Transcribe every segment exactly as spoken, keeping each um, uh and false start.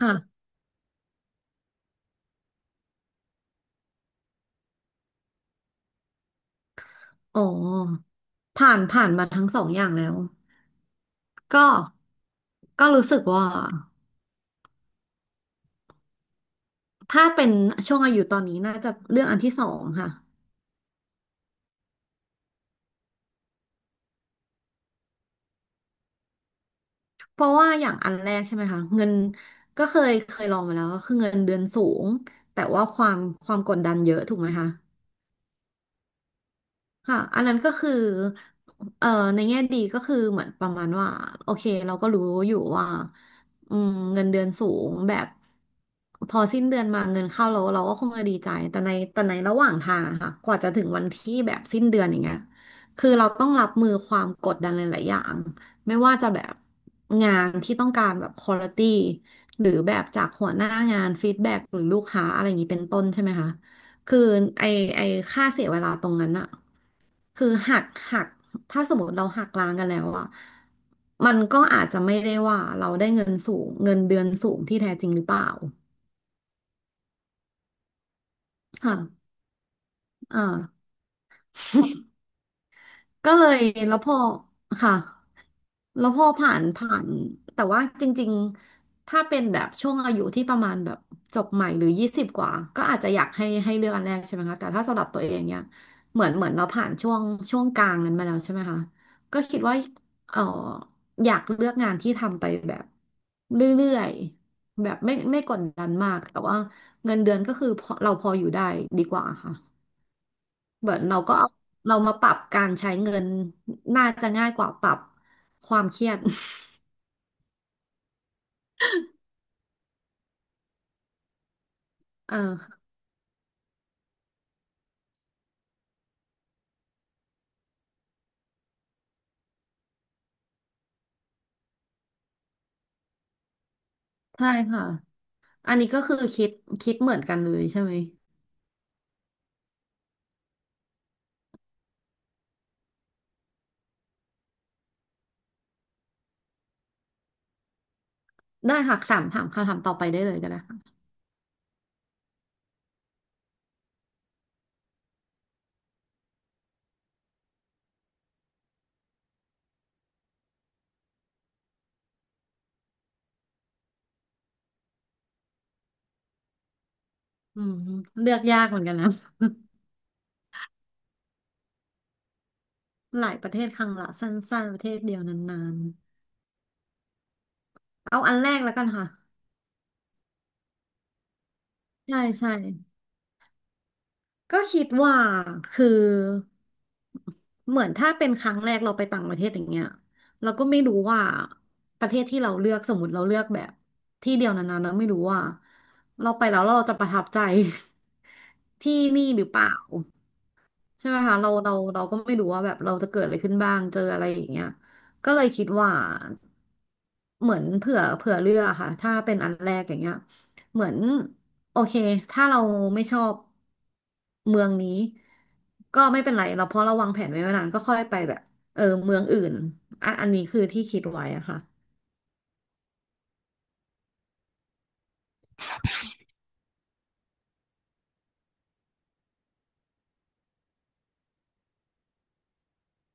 ค่ะอ๋อผ่านผ่านมาทั้งสองอย่างแล้ว ก็ก็รู้สึกว่าถ้าเป็นช่วงอายุตอนนี้น่าจะเรื่องอันที่สองค่ะ เพราะว่าอย่างอันแรกใช่ไหมคะเงินก็เคยเคยลองมาแล้วก็คือเงินเดือนสูง แต่ว่าความความกดดันเยอะถูกไหมคะ ค่ะอันนั้นก็คือเอ่อในแง่ดีก็คือเหมือนประมาณว่าโอเคเราก็รู้อยู่ว่าอืมเงินเดือนสูงแบบพอสิ้นเดือนมาเงินเข้าเราเราก็คงจะดีใจแต่ในแต่ในระหว่างทางอะค่ะกว่าจะถึงวันที่แบบสิ้นเดือนอย่างเงี้ยคือเราต้องรับมือความกดดันหลายๆอย่างไม่ว่าจะแบบงานที่ต้องการแบบควอลิตี้หรือแบบจากหัวหน้างานฟีดแบ็กหรือลูกค้าอะไรอย่างนี้เป็นต้นใช่ไหมคะคือไอไอค่าเสียเวลาตรงนั้นอะ คือหักหักถ้าสมมติเราหักล้างกันแล้วอะมันก็อาจจะไม่ได้ว่าเราได้เงินสูงเงินเดือนสูงที่แท้จริงหรือเปล่าค่ะอ่า ก็เลยแล้วพอค่ะแล้วพอผ่านผ่านแต่ว่าจริงๆ ถ้าเป็นแบบช่วงอายุที่ประมาณแบบจบใหม่หรือยี่สิบกว่าก็อาจจะอยากให้ให้เลือกอันแรกใช่ไหมคะแต่ถ้าสำหรับตัวเองเนี่ยเหมือนเหมือนเราผ่านช่วงช่วงกลางนั้นมาแล้วใช่ไหมคะก็คิดว่าเอออยากเลือกงานที่ทำไปแบบเรื่อยๆแบบไม่ไม่กดดันมากแต่ว่าเงินเดือนก็คือพอเราพออยู่ได้ดีกว่าค่ะ เหมือนเราก็เอาเรามาปรับการใช้เงินน่าจะง่ายกว่าปรับความเครียด เออใช่ค่ะอันนี้ก็คือคิดคิดเหมือนกันเลยใช่ไหมได้ค่ะสามถามคำถามต่อไปได้เลยก็ได้ค่ะอืมเลือกยากเหมือนกันนะ หลายประเทศครั้งละสั้นๆประเทศเดียวนานๆเอาอันแรกแล้วกันค่ะใช่ใช่ ก็คิดว่าคือเหมือนถ้าเป็นครั้งแรกเราไปต่างประเทศอย่างเงี้ยเราก็ไม่รู้ว่าประเทศที่เราเลือกสมมติเราเลือกแบบที่เดียวนานๆเราไม่รู้ว่าเราไปแล้วแล้วเราจะประทับใจ ที่นี่หรือเปล่า ใช่ไหมคะเราเราเราก็ไม่รู้ว่าแบบเราจะเกิดอะไรขึ้นบ้างเจออะไรอย่างเงี้ยก็เลยคิดว่าเหมือนเผื่อเผื่อเลือกอะค่ะถ้าเป็นอันแรกอย่างเงี้ยเหมือนโอเคถ้าเราไม่ชอบเมืองนี้ก็ไม่เป็นไรเราเพราะเราวางแผนไว้ไว้นานก็ค่อยไปแบบเออเมืองอื่นอันอันนี้คือที่คิดไว้อะค่ะ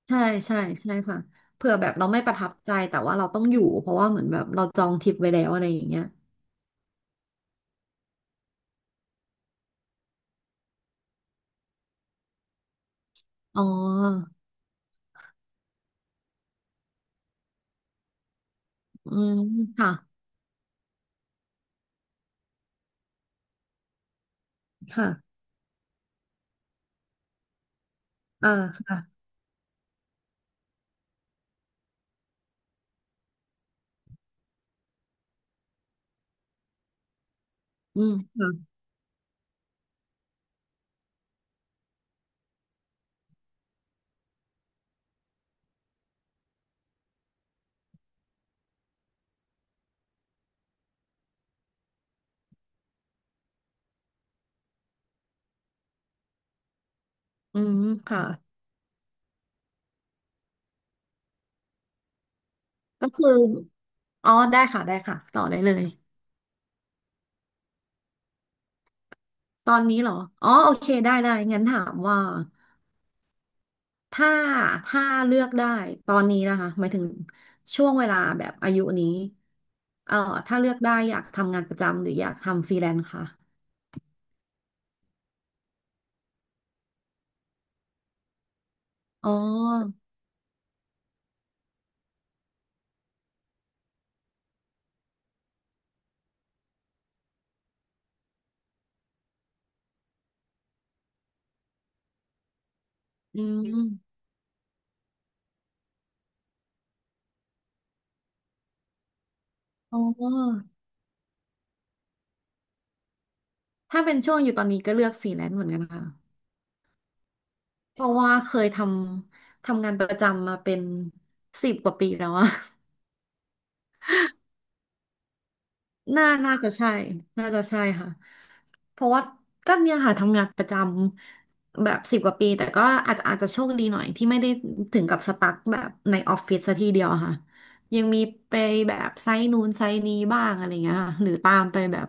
ใช่ใช่ใช่ค่ะเผื่อแบบเราไม่ประทับใจแต่ว่าเราต้องอยู่เพราะว่าเหมือนแบบเราจองทริปไว้แล้วอะไรอย่างเงี้ยอ๋ออืมค่ะค่ะ อ่าค่ะอืมค่ะอืมค่ะก็คืออ๋อได้ค่ะได้ค่ะต่อได้เลยตอนนี้เหรออ๋อโอเค ได้ได้งั้นถามว่า ถ้า ถ้าเลือกได้ ตอนนี้นะคะหมายถึงช่วงเวลาแบบอายุนี้ เอ่อถ้าเลือกได้อยากทำงานประจำหรืออยากทำฟรีแลนซ์ค่ะอ๋ออืมอ๋อถ้าเป็นช่วงอยู่ตอนนี้ก็เลือกฟรีแลนซ์เหมือนกันค่ะเพราะว่าเคยทำทำงานประจำมาเป็นสิบกว่าปีแล้วอะ น่าน่าจะใช่ น่าจะใช่ค่ะ เพราะว่าก็เนี่ยค่ะทำงานประจำแบบสิบกว่าปี แต่ก็อาจจะอาจจะโชคดีหน่อยที่ไม่ได้ถึงกับสตั๊กแบบในออฟฟิศซะทีเดียวอะค่ะ ยังมีไปแบบไซต์นู้นไซต์นี้บ้างอะไรเงี้ยค่ะหรือตามไปแบบ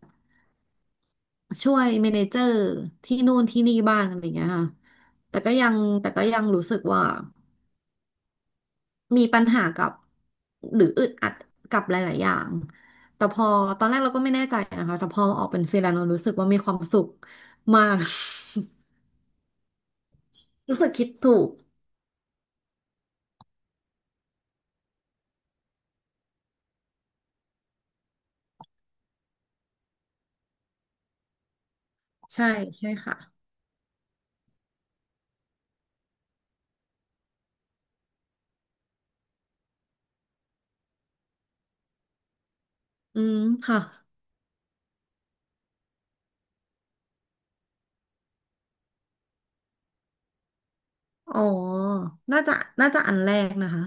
ช่วยเมเนเจอร์ที่นู่นที่นี่บ้างอะไรเงี้ยค่ะแต่ก็ยังแต่ก็ยังรู้สึกว่า มีปัญหากับหรืออึดอัดกับหลายๆอย่างแต่พอตอนแรกเราก็ไม่แน่ใจนะคะแต่พอออกเป็นฟรีแลนซ์เรารู้สึกว่ามีความสุขมาก รู้สึกคิดถูก ใช่ใช่ค่ะ อืม ค่ะอ๋อน่าจะน่าจะอันแรกนะคะ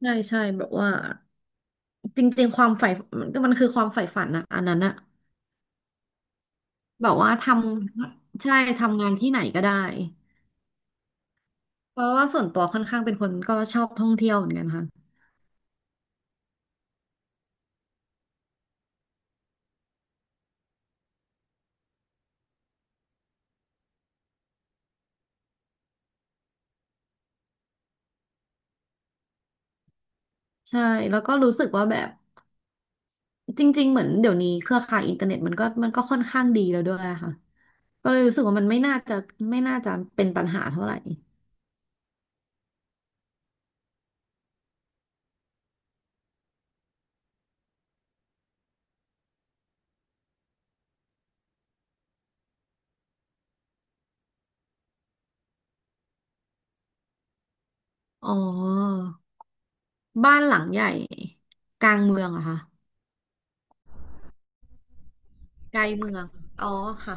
ใช่ใช่แบบว่าจริงๆความใฝ่มันมันคือความใฝ่ฝันอะอันนั้นอะแบบว่าทำใช่ทำงานที่ไหนก็ได้เพราะว่าส่วนตัวค่อนข้างเป็นคนก็ชอบท่องเที่ยวเหมือนกันค่ะใช่แล้วก็รู้สึกว่าแบบ จริงๆ เหมือนเดี๋ยวนี้เครือข่ายอินเทอร์เน็ตมันก็มันก็ค่อนข้างดีแล้วด้วยอะค่ะก็เลยรู้สึกว่ามันไม่น่าจะไม่น่าจะเป็นปัญหาเท่าไหร่อ๋อบ้านหลังใหญ่กลางเมืองเหรอะค่ะ ไกลเมืองอ๋อค่ะ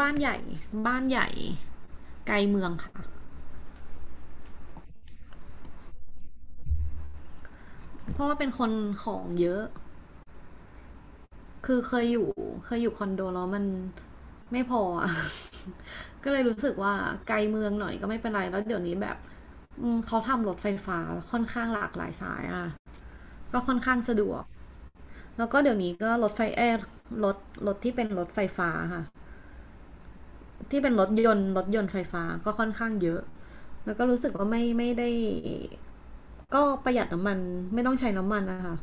บ้านใหญ่บ้านใหญ่ไกลเมืองค่ะ เพราะว่าเป็นคนของเยอะ คือเคยอยู่เคยอยู่คอนโดแล้วมันไม่พออะ ก็เลยรู้สึกว่าไกลเมืองหน่อยก็ไม่เป็นไรแล้วเดี๋ยวนี้แบบอืมเขาทำรถไฟฟ้าค่อนข้างหลากหลายสายอะ ก็ค่อนข้างสะดวกแล้วก็เดี๋ยวนี้ก็รถไฟเอร์รถรถที่เป็นรถไฟฟ้าค่ะที่เป็นรถยนต์รถยนต์ไฟฟ้าก็ค่อนข้างเยอะแล้วก็รู้สึกว่าไม่ไม่ได้ก็ประหยัดน้ำมันไม่ต้องใช้น้ำมันนะคะ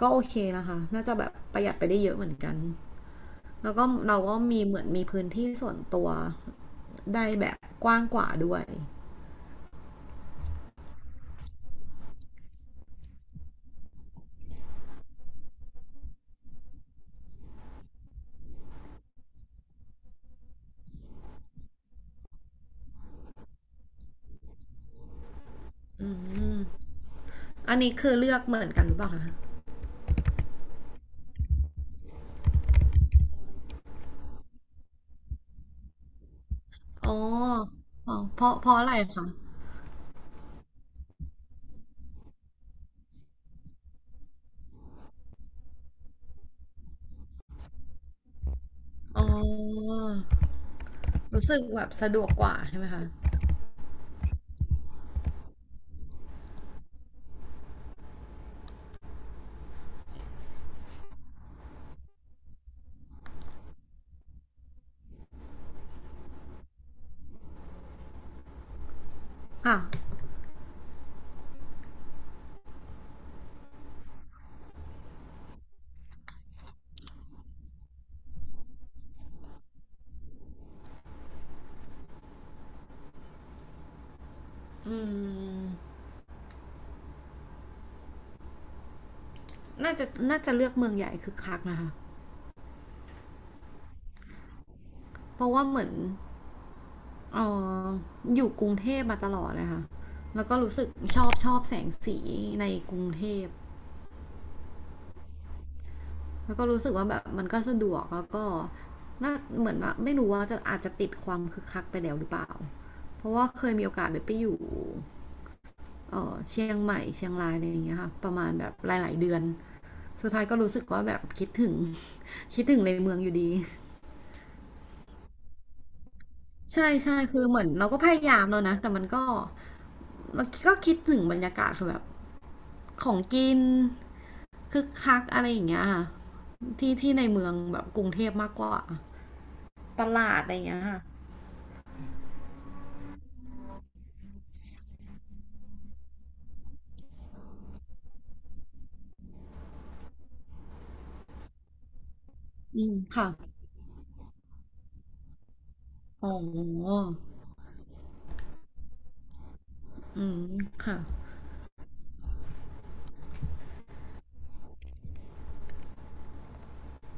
ก็โอเคนะคะน่าจะแบบประหยัดไปได้เยอะเหมือนกันแล้วก็เราก็มีเหมือนมีพื้นที่ส่วนตัวได้แบบกว้างกว่าด้วยอืมอันนี้คือเลือกเหมือนกันหรือเปล่าคะอ๋ออ๋อเพราะเพราะอะไรคะอ๋อ รู้สึกแบบสะดวกกว่าใช่ไหมคะอ่ะอืมน่าจะ น่าจะเลือกเมืองใหญ่คือคักนะคะเพราะว่าเหมือนเอออยู่กรุงเทพมาตลอดเลยค่ะแล้วก็รู้สึกชอบชอบแสงสีในกรุงเทพแล้วก็รู้สึกว่าแบบมันก็สะดวกแล้วก็น่าเหมือนว่าไม่รู้ว่าจะอาจจะติดความคึกคักไปแล้วหรือเปล่าเพราะว่าเคยมีโอกาสได้ไปอยู่เออเชียงใหม่เชียงรายอะไรอย่างเงี้ยค่ะประมาณแบบหลายๆเดือน สุดท้ายก็รู้สึกว่าแบบคิดถึง คิดถึงในเมืองอยู่ดีใช่ใช่คือเหมือนเราก็พยายามแล้วนะแต่มันก็เราก็คิดถึงบรรยากาศคือแบบของกินคึกคักอะไรอย่างเงี้ยค่ะที่ที่ในเมืองแบบกรุงเทพมากกว่าตลาดอะไรอย่างเงี้ยค่ะอืมค่ะอ๋ออืมค่ะ